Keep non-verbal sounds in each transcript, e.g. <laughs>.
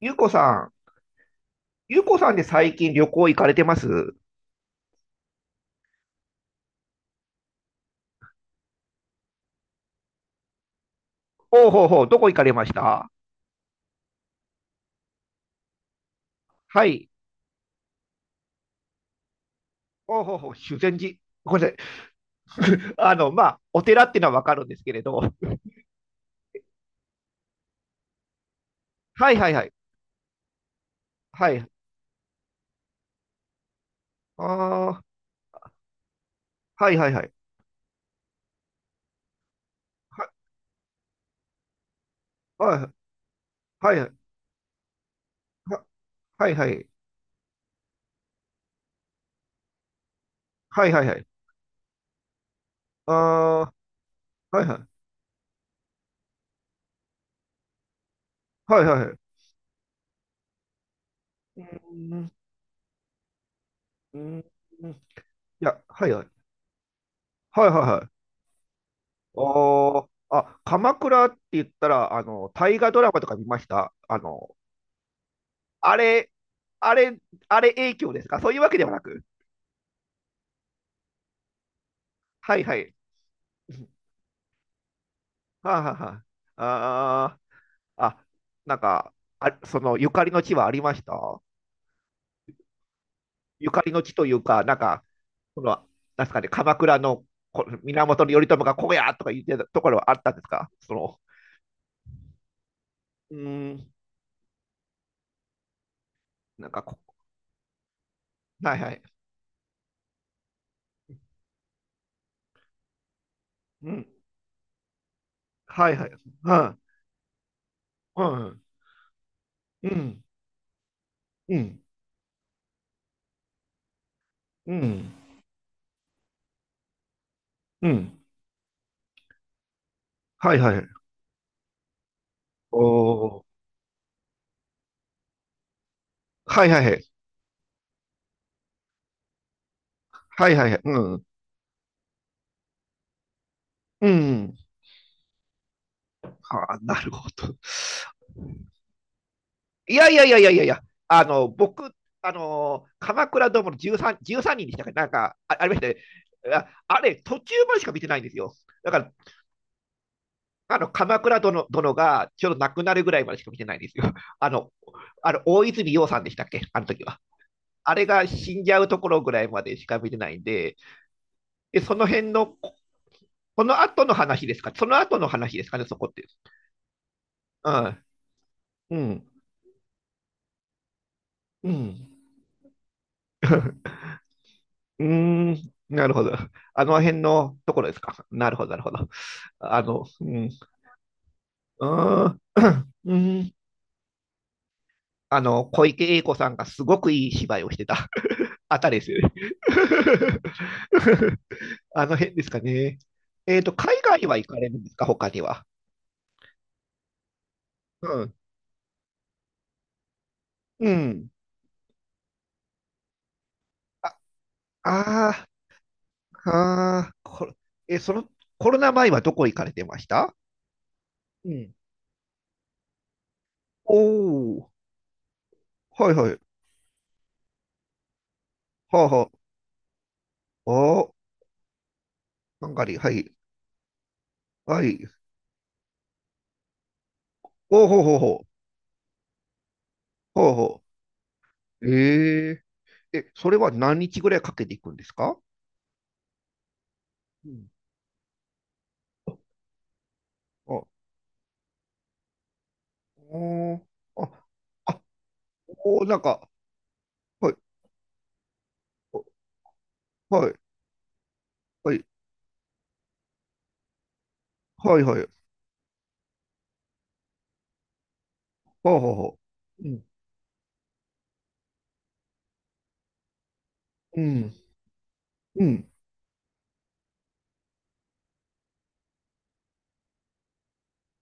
ゆうこさん、ゆうこさんで最近旅行行かれてます？おうほうほう、どこ行かれました？はい。おうほうほう、修善寺。ごめんなさい。<laughs> まあ、お寺っていうのはわかるんですけれど。はいはいはい。はい。ああ、はいはいはい。は、はい、はい、は、はいはい。はいはいはい。ああ、はいはい。はいはいはい。うーん、うーん、んいや、はいはい。はいはいはい。あーあ、鎌倉って言ったら、大河ドラマとか見ました？あれ、あれ、あれ影響ですか？そういうわけではなく。はいはい。はあ、はあ、はあ。あーあ、なんか、あ、そのゆかりの地はありました？ゆかりの地というか、なんか、その、なんですかね、鎌倉の源頼朝がここやとか言ってたところはあったんですか？その、うーん、なんかはいはい。うん、はいはい。はい、はい、うん、うん、うん、うん、はいはい。おー、はいはいはい。はいはいはい。うん、うん。はあ、なるほど。<laughs> いやいやいやいやいやいや、僕、あの、鎌倉殿の 13人でしたか？なんかあ、ありましたね。ああれ、途中までしか見てないんですよ。だから、あの鎌倉殿がちょうど亡くなるぐらいまでしか見てないんですよ。<laughs> あの、あの大泉洋さんでしたっけ、あの時は。あれが死んじゃうところぐらいまでしか見てないんで、でその辺の、この後の話ですか？その後の話ですかね、そこって。うん、うん、うん。うーん、なるほど。あの辺のところですか？なるほど、なるほど。うん、うーん、<clears throat> うん小池栄子さんがすごくいい芝居をしてた <laughs> あたりですよね。<laughs> あの辺ですかね？海外は行かれるんですか、他には？うん。うん。あ、あーあー、これ、その、コロナ前はどこ行かれてました？うん。おお、はいはい。はあはあ。あーハンガリー、はい。はい。おうほうほうほう。ほうほう。えええ、それは何日ぐらいかけていくんですか？うん。あ、おーあ、あ、おー、なんか、はい、はい、はい、はい、はい、ほうほうほううん。う。ん、うん、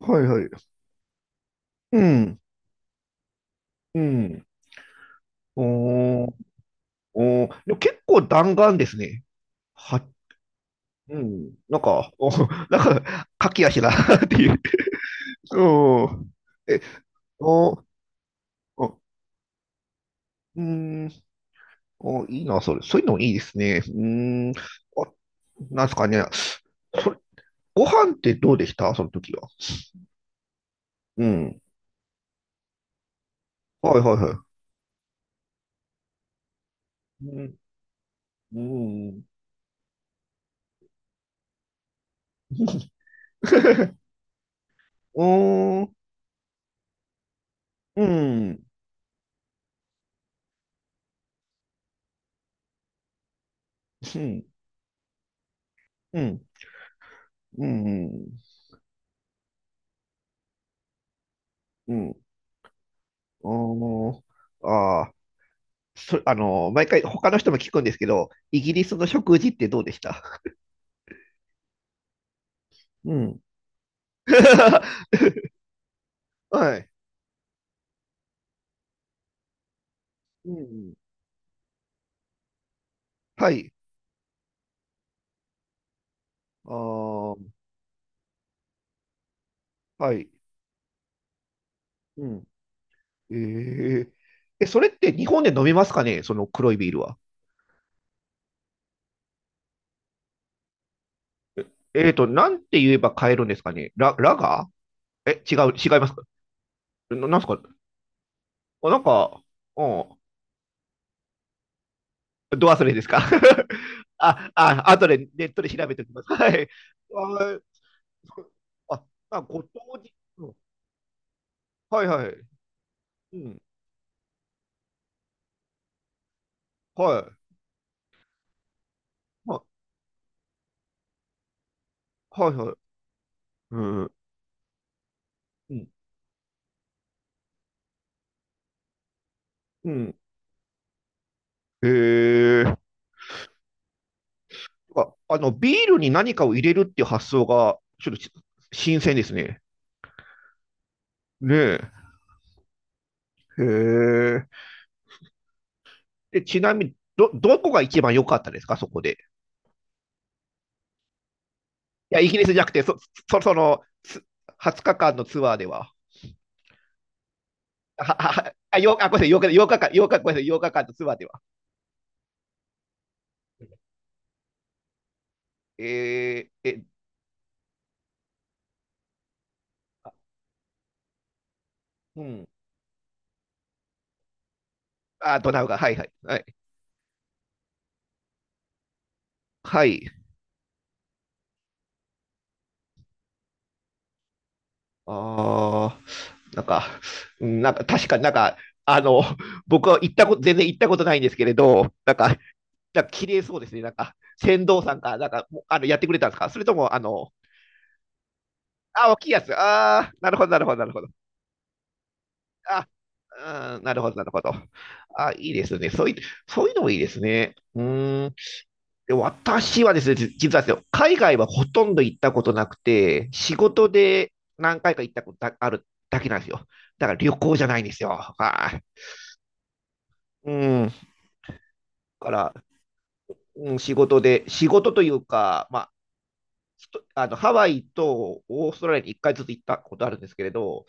はい、はい、うん、うん。おー、おー、でも結構弾丸ですね。は、うん、なんか、お、<laughs> なんか、駆け足だなっていう。うん。え、おお、うん。お、いいな、それ。そういうのもいいですね。うーん。あ、なんですかね。それ、ご飯ってどうでしたその時は？うん。はいはいはい。うん。うん。<laughs> うーん。うん。うん。うん。うん。うん。うんあーあー。毎回他の人も聞くんですけど、イギリスの食事ってどうでした？うん。<laughs> はい。うん。はい。ああ、はい。うん。えー、それって日本で飲みますかね、その黒いビールは？なんて言えば買えるんですかね。ラガー違いますか？なんすか？あ、なんか、うん、ど忘れですか？ <laughs> あとでネットで調べておきます。<laughs> はい。あ、あ、ご当地、うんはいはい。うん、はい。まあはいはい。うん、うん、うん。えー、あ、ビールに何かを入れるっていう発想が、ちょっと新鮮ですね。ねえへえ。で、ちなみに、どこが一番良かったですか、そこで？いや、イギリスじゃなくて、その、20日間のツアーでは。あ、あ、ごめんなさい、8日、8日間、8日、ごめんなさい、8日間のツアーでは。えー、え、うん。あ、ドナウ川、はい、はい、はい。はい。あー、なんか、うんなんか、確かになんか、あの、僕は行ったこと、全然行ったことないんですけれど、なんか、なんか綺麗そうですね。なんか、船頭さんが、なんか、もうやってくれたんですか？それとも、あの、あ、大きいやつ。ああ、なるほど、なるほど、なるほど。あ、うん、なるほど、なるほど。あ、いいですね。そういうのもいいですね。うーん。で、私はですね、実はですよ、海外はほとんど行ったことなくて、仕事で何回か行ったことだあるだけなんですよ。だから旅行じゃないんですよ。はい。うん。だから、うん、仕事というか、まあ、ひとあの、ハワイとオーストラリアに1回ずつ行ったことあるんですけれど、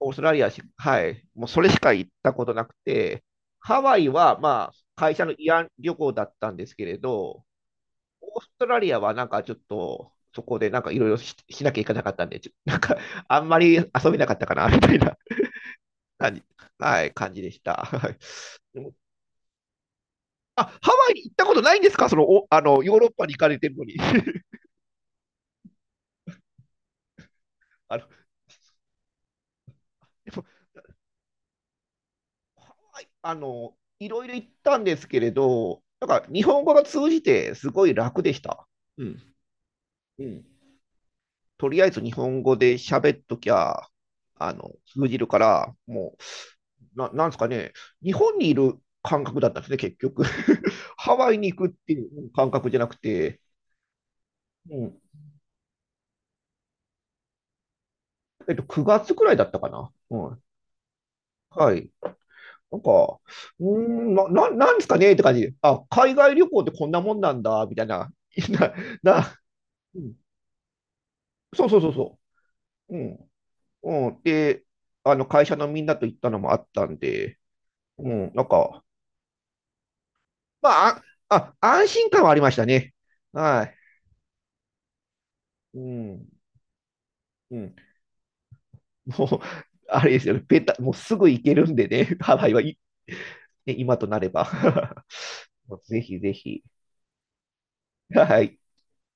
オーストラリア、はい、もうそれしか行ったことなくて、ハワイはまあ会社の慰安旅行だったんですけれど、オーストラリアはなんかちょっとそこでなんかいろいろしなきゃいけなかったんで、<laughs> なんかあんまり遊べなかったかなみたいな感じ、はい、感じでした。はい。でもあ、ハワイに行ったことないんですか？そのおあのヨーロッパに行かれてるのに <laughs> あのでもはい。いろいろ行ったんですけれど、なんか日本語が通じてすごい楽でした。うん、うんとりあえず日本語で喋っときゃ、通じるから、もう、なんですかね、日本にいる感覚だったんですね、結局。<laughs> ハワイに行くっていう感覚じゃなくて、うん、9月くらいだったかな。うん。はい。なんか、うーん、なんですかねって感じで。あ、海外旅行ってこんなもんなんだ、みたいな。<laughs> な、な、うん、そうそうそうそう。うん。うん。で、会社のみんなと行ったのもあったんで、うん、なんか、まあ、安心感はありましたね。はい。うん。うん。もう、あれですよね。ベタ、もうすぐ行けるんでね。<laughs> ハワイはい、ね、今となれば。<laughs> ぜひぜひ。はい。